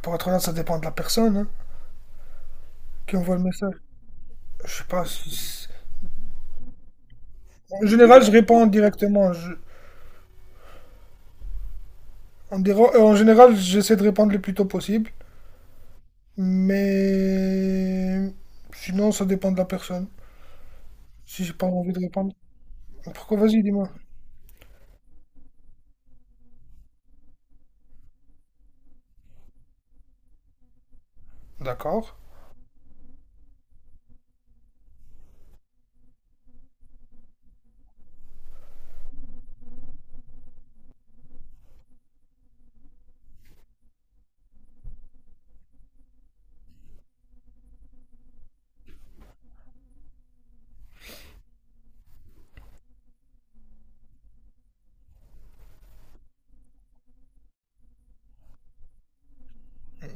Pour être honnête, ça dépend de la personne, hein, qui envoie le message. Je sais pas. En général, je réponds directement. En général, j'essaie de répondre le plus tôt possible. Mais sinon, ça dépend de la personne. Si j'ai pas envie de répondre. Pourquoi. Vas-y, dis-moi. D'accord.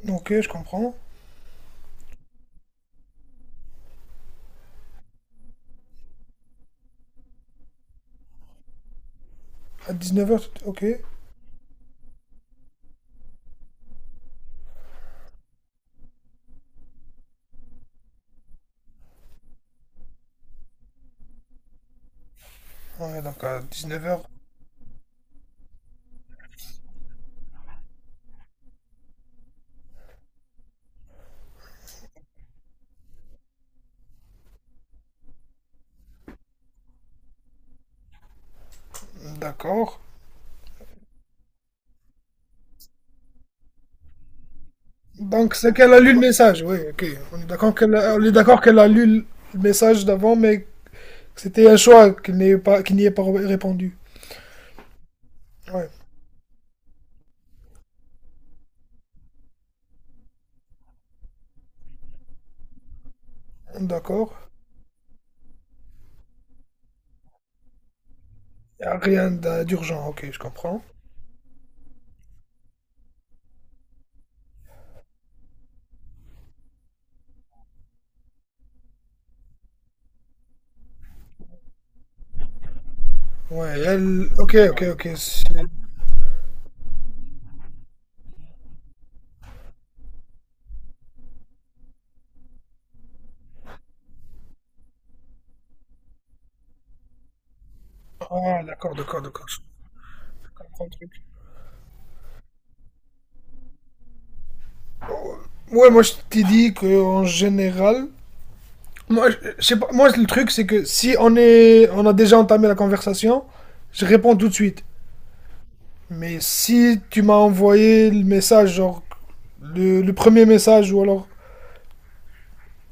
Ok, je comprends. À 19h, ok. Ouais, donc à 19h, d'accord. Donc c'est qu'elle a lu le message, oui, ok. On est d'accord qu'elle a, on est d'accord qu'elle a lu le message d'avant, mais c'était un choix qui n'y pas, qui n'y est pas répondu. Ouais, d'accord. Rien d'urgent, ok, je comprends. Ouais, elle... Ok, ok, ok. Ah, d'accord, d'accord, d'accord. Je comprends le truc. Ouais, moi je t'ai dit qu'en général... Moi, je sais pas, moi le truc c'est que si on, est, on a déjà entamé la conversation, je réponds tout de suite. Mais si tu m'as envoyé le message, genre le premier message, ou alors...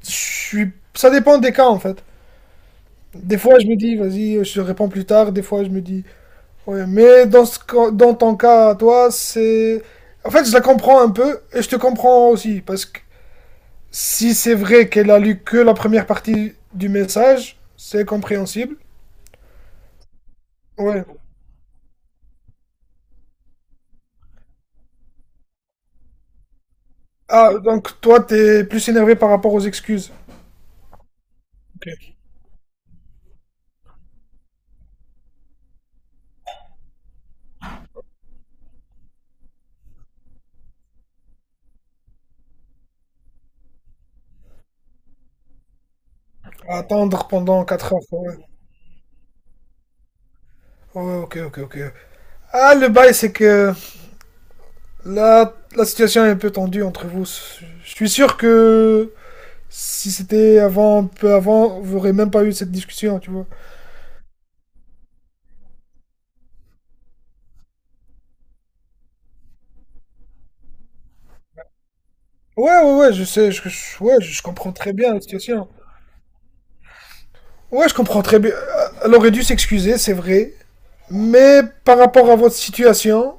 Je suis... Ça dépend des cas en fait. Des fois, je me dis, vas-y, je te réponds plus tard. Des fois, je me dis, ouais, mais dans ton cas, toi, c'est. En fait, je la comprends un peu et je te comprends aussi. Parce que si c'est vrai qu'elle a lu que la première partie du message, c'est compréhensible. Ouais. Ah, donc toi, t'es plus énervé par rapport aux excuses. Ok. À attendre pendant 4 heures. Ouais. Ouais, ok, ok, ok. Ah, le bail, c'est que là, la situation est un peu tendue entre vous. Je suis sûr que si c'était avant, un peu avant, vous n'aurez même pas eu cette discussion, tu vois. Ouais, ouais, ouais, je sais, ouais, je comprends très bien la situation. Ouais, je comprends très bien. Elle aurait dû s'excuser, c'est vrai. Mais par rapport à votre situation,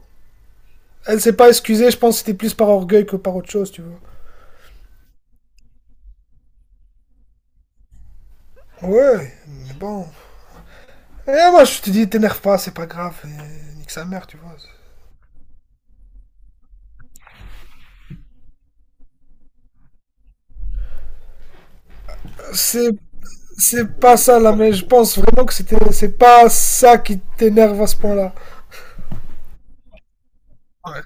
elle s'est pas excusée, je pense que c'était plus par orgueil que par autre chose, tu vois. Ouais, mais bon. Et moi, je te dis, t'énerve pas, c'est pas grave, et nique sa mère, tu vois. C'est, c'est pas ça, là, mais je pense vraiment que c'était, c'est pas ça qui t'énerve à ce point-là. Ouais,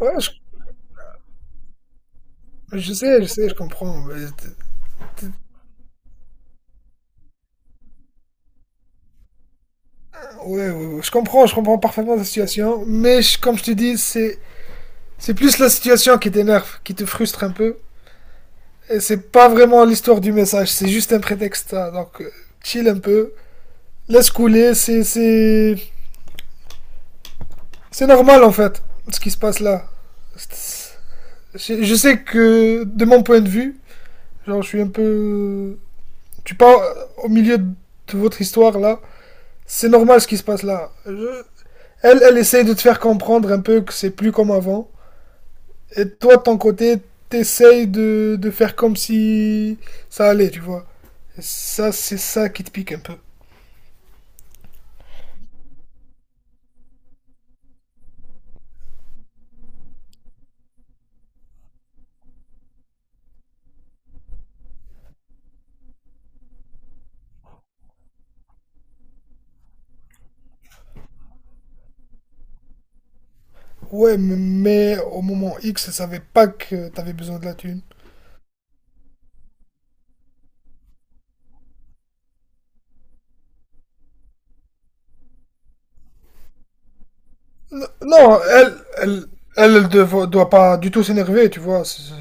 ouais, je sais, je sais, je comprends, mais t- ouais, ouais, ouais, je comprends parfaitement la situation, mais comme je te dis, c'est plus la situation qui t'énerve, qui te frustre un peu. Et c'est pas vraiment l'histoire du message, c'est juste un prétexte, hein, donc, chill un peu, laisse couler, c'est normal en fait, ce qui se passe là. C'est- je sais que de mon point de vue, genre je suis un peu, tu parles au milieu de votre histoire là, c'est normal ce qui se passe là. Elle, elle essaye de te faire comprendre un peu que c'est plus comme avant. Et toi, de ton côté, t'essayes de faire comme si ça allait, tu vois. Et ça, c'est ça qui te pique un peu. Ouais, mais, au moment X, elle savait pas que t'avais besoin de la thune. Non, elle doit pas du tout s'énerver, tu vois.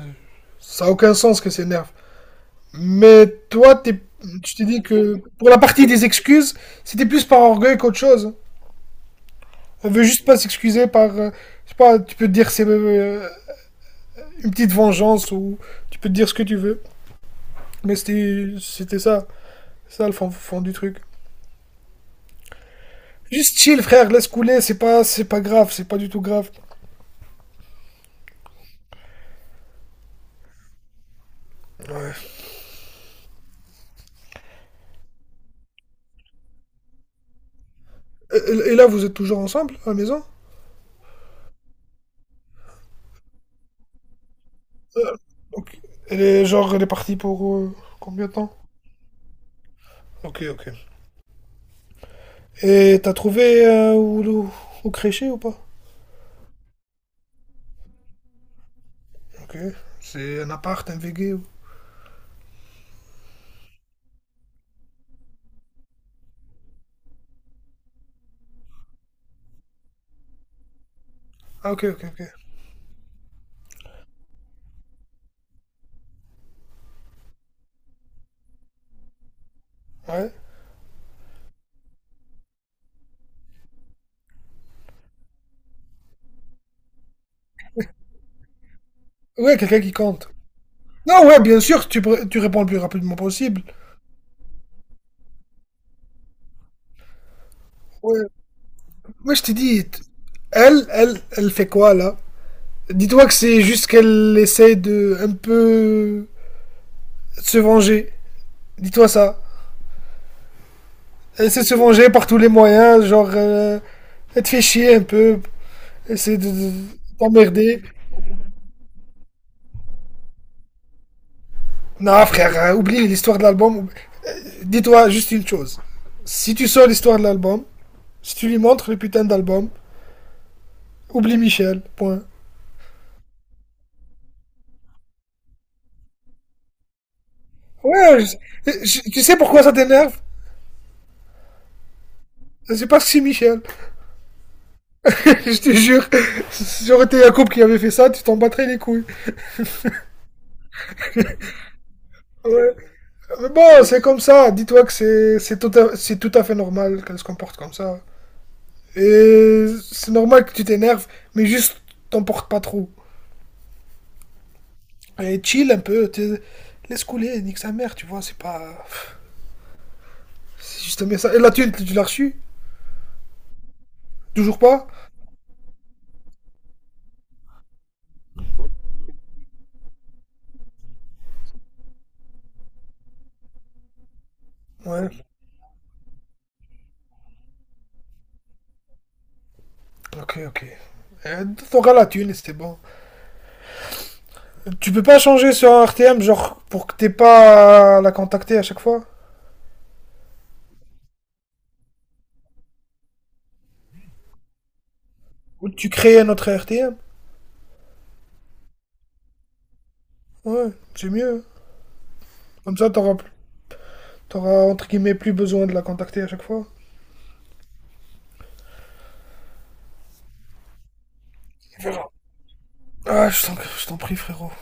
Ça a aucun sens que s'énerve. Mais toi, tu t'es dit que pour la partie des excuses, c'était plus par orgueil qu'autre chose. Elle veut juste pas s'excuser par, je sais pas, tu peux te dire c'est une petite vengeance ou tu peux te dire ce que tu veux. Mais c'était ça. Ça le fond du truc. Juste chill, frère, laisse couler, c'est pas grave, c'est pas du tout grave. Et là, vous êtes toujours ensemble à la maison? Donc, elle est genre, elle est partie pour combien de temps? Ok, ok. Et t'as trouvé où, où, crécher ou pas? Ok. C'est un appart, un VG ou... Ah, ok, ok, ok. Ouais. Ouais, quelqu'un qui compte. Non, ouais, bien sûr, tu, tu réponds le plus rapidement possible. Ouais, ouais je t'ai dit, elle fait quoi là? Dis-toi que c'est juste qu'elle essaie de un peu se venger. Dis-toi ça. Elle essaie de se venger par tous les moyens, genre, elle te fait chier un peu, essaie t'emmerder. Non, frère, hein, oublie l'histoire de l'album. Dis-toi juste une chose. Si tu sors l'histoire de l'album, si tu lui montres le putain d'album, oublie Michel, point. Ouais, tu sais pourquoi ça t'énerve? C'est parce que c'est Michel. je te jure. Si j'aurais été Jacob qui avait fait ça, tu t'en battrais les couilles. Ouais. Mais bon, c'est comme ça. Dis-toi que c'est tout à fait normal qu'elle se comporte comme ça. Et c'est normal que tu t'énerves, mais juste t'en portes pas trop. Et chill un peu. Laisse couler, nique sa mère, tu vois. C'est pas. C'est juste un message. Et la thune, tu l'as reçue? Toujours pas? Ouais. Ok, ok. T'auras la thune et c'était bon. Tu peux pas changer sur un RTM, genre, pour que t'aies pas à la contacter à chaque fois? Ou tu crées un autre RTM. Ouais, c'est mieux. Comme ça, t'auras entre guillemets plus besoin de la contacter à chaque fois. On verra. Ah, je t'en prie, frérot.